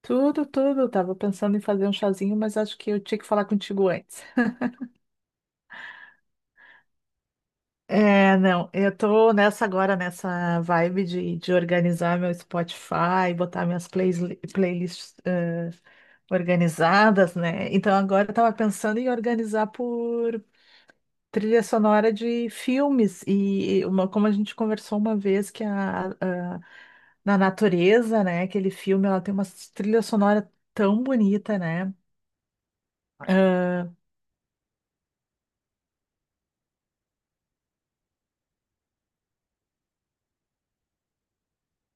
Tudo, tudo. Tava pensando em fazer um chazinho, mas acho que eu tinha que falar contigo antes. É, não, eu tô nessa agora, nessa vibe de organizar meu Spotify, botar minhas plays, playlists organizadas, né? Então agora eu tava pensando em organizar por trilha sonora de filmes. E uma, como a gente conversou uma vez que na natureza, né? Aquele filme, ela tem uma trilha sonora tão bonita, né?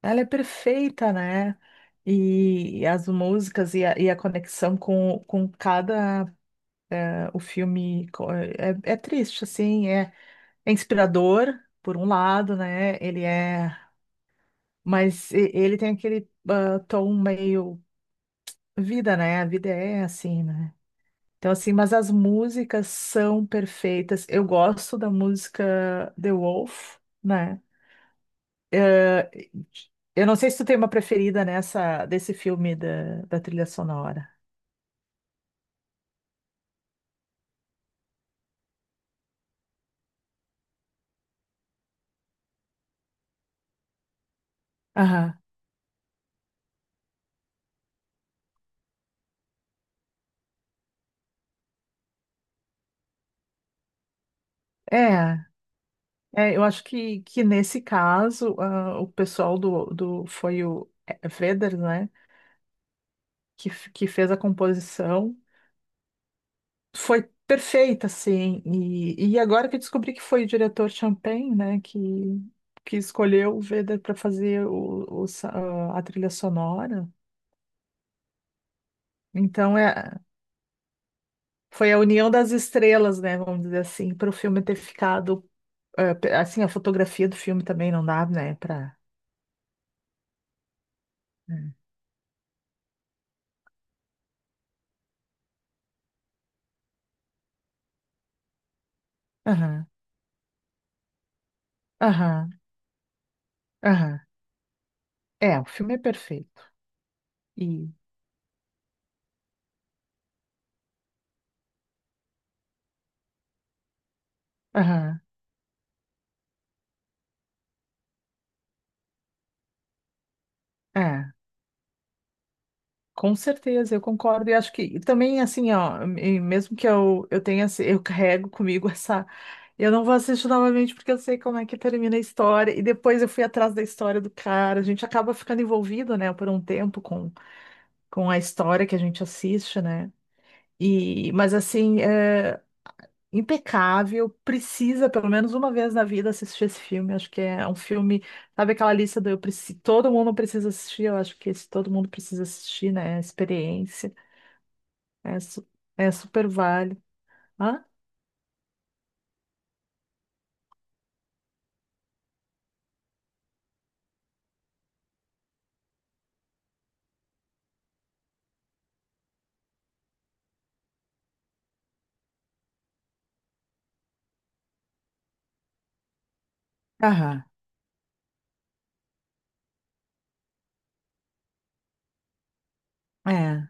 Ela é perfeita, né? E as músicas e a conexão com cada o é, é triste, assim, é, é inspirador por um lado, né? Ele é, mas e- ele tem aquele tom meio vida, né? A vida é assim, né? Então, assim, mas as músicas são perfeitas. Eu gosto da música The Wolf, né? Eu não sei se tu tem uma preferida nessa desse filme da trilha sonora. Aham. É, eu acho que nesse caso, o pessoal do foi o Vedder, né, que fez a composição, foi perfeita, assim, e agora que eu descobri que foi o diretor Champagne, né, que escolheu o Vedder para fazer o, a trilha sonora, então é, foi a união das estrelas, né, vamos dizer assim, para o filme ter ficado, assim, a fotografia do filme também não dá, né, para... Aham, aham. Aham. É, o filme é perfeito. E aham, é, com certeza, eu concordo. E acho que e também, assim, ó, e mesmo que eu tenha, eu carrego comigo essa. Eu não vou assistir novamente porque eu sei como é que termina a história. E depois eu fui atrás da história do cara. A gente acaba ficando envolvido, né, por um tempo com a história que a gente assiste, né? E, mas assim, é. Impecável, precisa pelo menos uma vez na vida assistir esse filme. Acho que é um filme, sabe aquela lista do eu preciso, todo mundo precisa assistir, eu acho que esse todo mundo precisa assistir, né? É experiência, é, é super válido. Hã? Aham, é,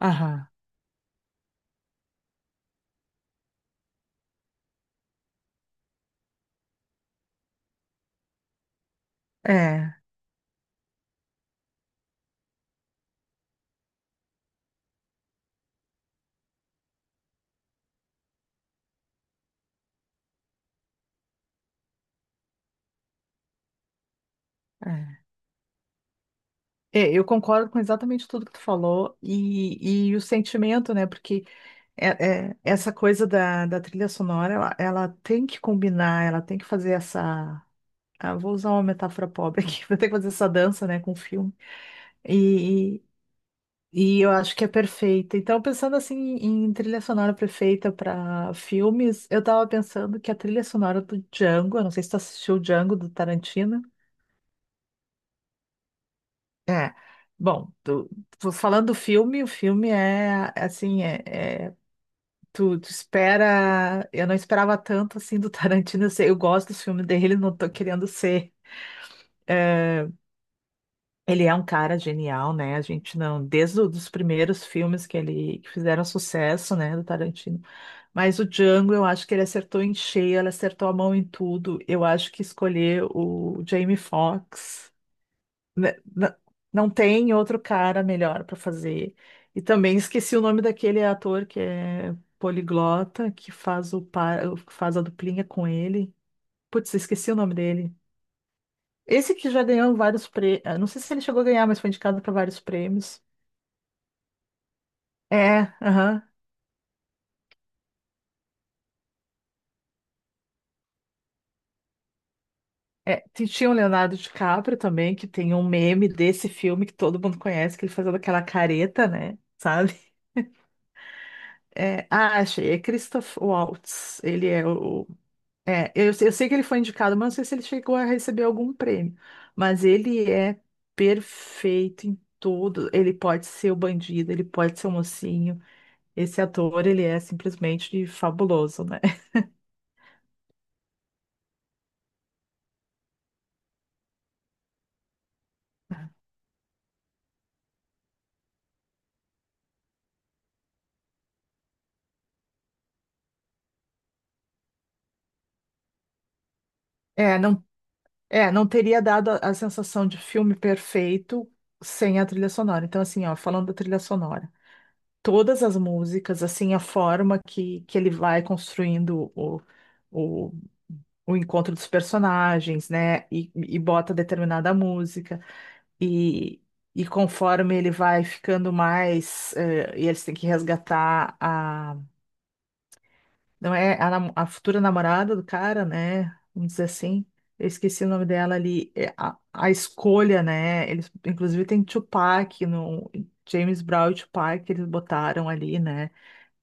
aham, é, é. É, eu concordo com exatamente tudo que tu falou e o sentimento, né? Porque é, essa coisa da trilha sonora, ela tem que combinar, ela tem que fazer essa Ah, vou usar uma metáfora pobre aqui, vou ter que fazer essa dança, né, com o filme. E, e, e eu acho que é perfeita. Então, pensando assim em trilha sonora perfeita para filmes, eu tava pensando que a trilha sonora do Django, eu não sei se tu assistiu o Django do Tarantino. É. Bom, falando do filme, o filme é assim, é- tu espera. Eu não esperava tanto assim do Tarantino. Eu, sei, eu gosto dos filmes dele, não tô querendo ser. eh, Ele é um cara genial, né? A gente não, desde os primeiros filmes que ele que fizeram sucesso, né, do Tarantino. Mas o Django, eu acho que ele acertou em cheio, ele acertou a mão em tudo. Eu acho que escolher o Jamie Foxx, né, n- não tem outro cara melhor para fazer. E também esqueci o nome daquele ator que é poliglota, que faz o par, que faz a duplinha com ele. Putz, esqueci o nome dele. Esse que já ganhou vários prêmios, não sei se ele chegou a ganhar, mas foi indicado para vários prêmios. É, aham. É, tinha o Leonardo DiCaprio também, que tem um meme desse filme que todo mundo conhece, que ele fazendo aquela careta, né? Sabe? É, ah, achei. É Christoph Waltz. Ele é o. É, eu sei que ele foi indicado, mas não sei se ele chegou a receber algum prêmio. Mas ele é perfeito em tudo. Ele pode ser o bandido, ele pode ser o mocinho. Esse ator, ele é simplesmente fabuloso, né? É, não É, não teria dado a sensação de filme perfeito sem a trilha sonora. Então, assim, ó, falando da trilha sonora, todas as músicas, assim, a forma que ele vai construindo o, o encontro dos personagens, né? E bota determinada música. E, conforme ele vai ficando mais, eh, e eles têm que resgatar a não é a, a futura namorada do cara, né? Vamos dizer assim. Eu esqueci o nome dela ali. É a escolha, né? Eles, inclusive, tem Tupac no James Brown e Tupac que eles botaram ali, né?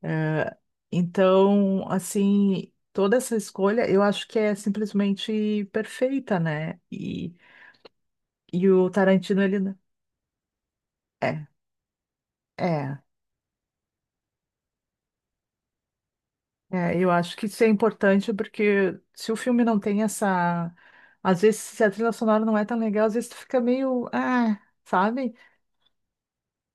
Eh, então, assim, toda essa escolha eu acho que é simplesmente perfeita, né? E o Tarantino, ele. Né? É, é. É, eu acho que isso é importante porque se o filme não tem essa. Às vezes, se a trilha sonora não é tão legal, às vezes tu fica meio. Ah, sabe?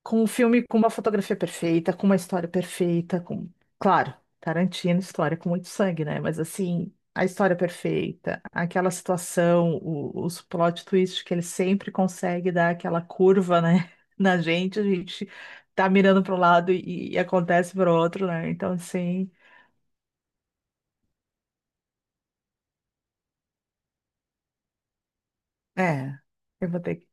Com um filme com uma fotografia perfeita, com uma história perfeita, com. Claro, Tarantino, história com muito sangue, né? Mas assim, a história perfeita, aquela situação, os plot twists que ele sempre consegue dar aquela curva, né? Na gente, a gente tá mirando para um lado e acontece para o outro, né? Então, assim. É. Eu vou ter que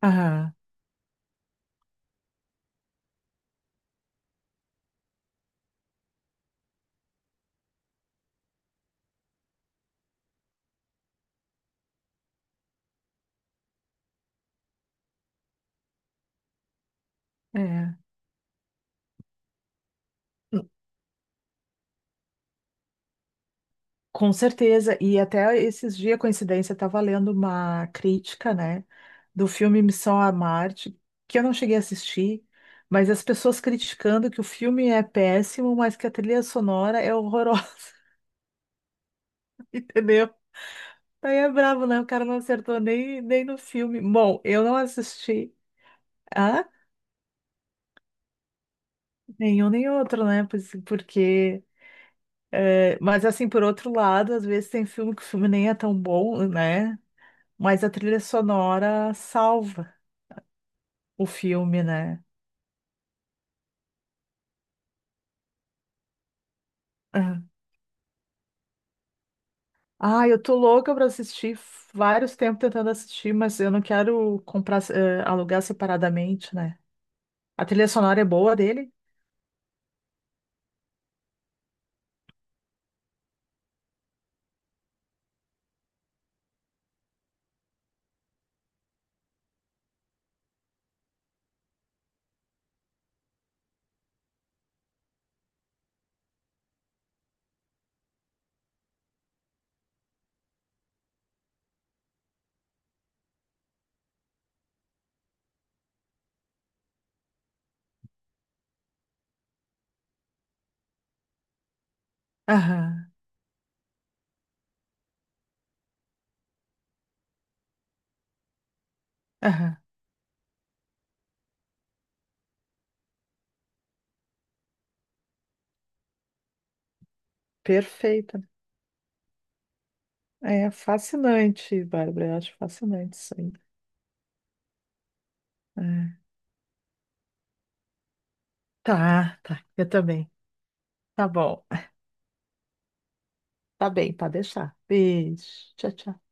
Ah, é. Com certeza. E até esses dias, coincidência, eu estava lendo uma crítica, né, do filme Missão a Marte, que eu não cheguei a assistir, mas as pessoas criticando que o filme é péssimo, mas que a trilha sonora é horrorosa, entendeu? Aí é bravo, né? O cara não acertou nem, nem no filme. Bom, eu não assisti a nenhum nem outro, né? Pois- Porque. É, mas assim, por outro lado, às vezes tem filme que o filme nem é tão bom, né? Mas a trilha sonora salva o filme, né? Ah, ah, eu tô louca pra assistir, vários tempos tentando assistir, mas eu não quero comprar, alugar separadamente, né? A trilha sonora é boa dele? Aham, aham, perfeita. É fascinante, Bárbara, eu acho fascinante isso aí. É. Tá, tá, eu também. Tá bom, tá bem, pode deixar. Beijo, tchau, tchau.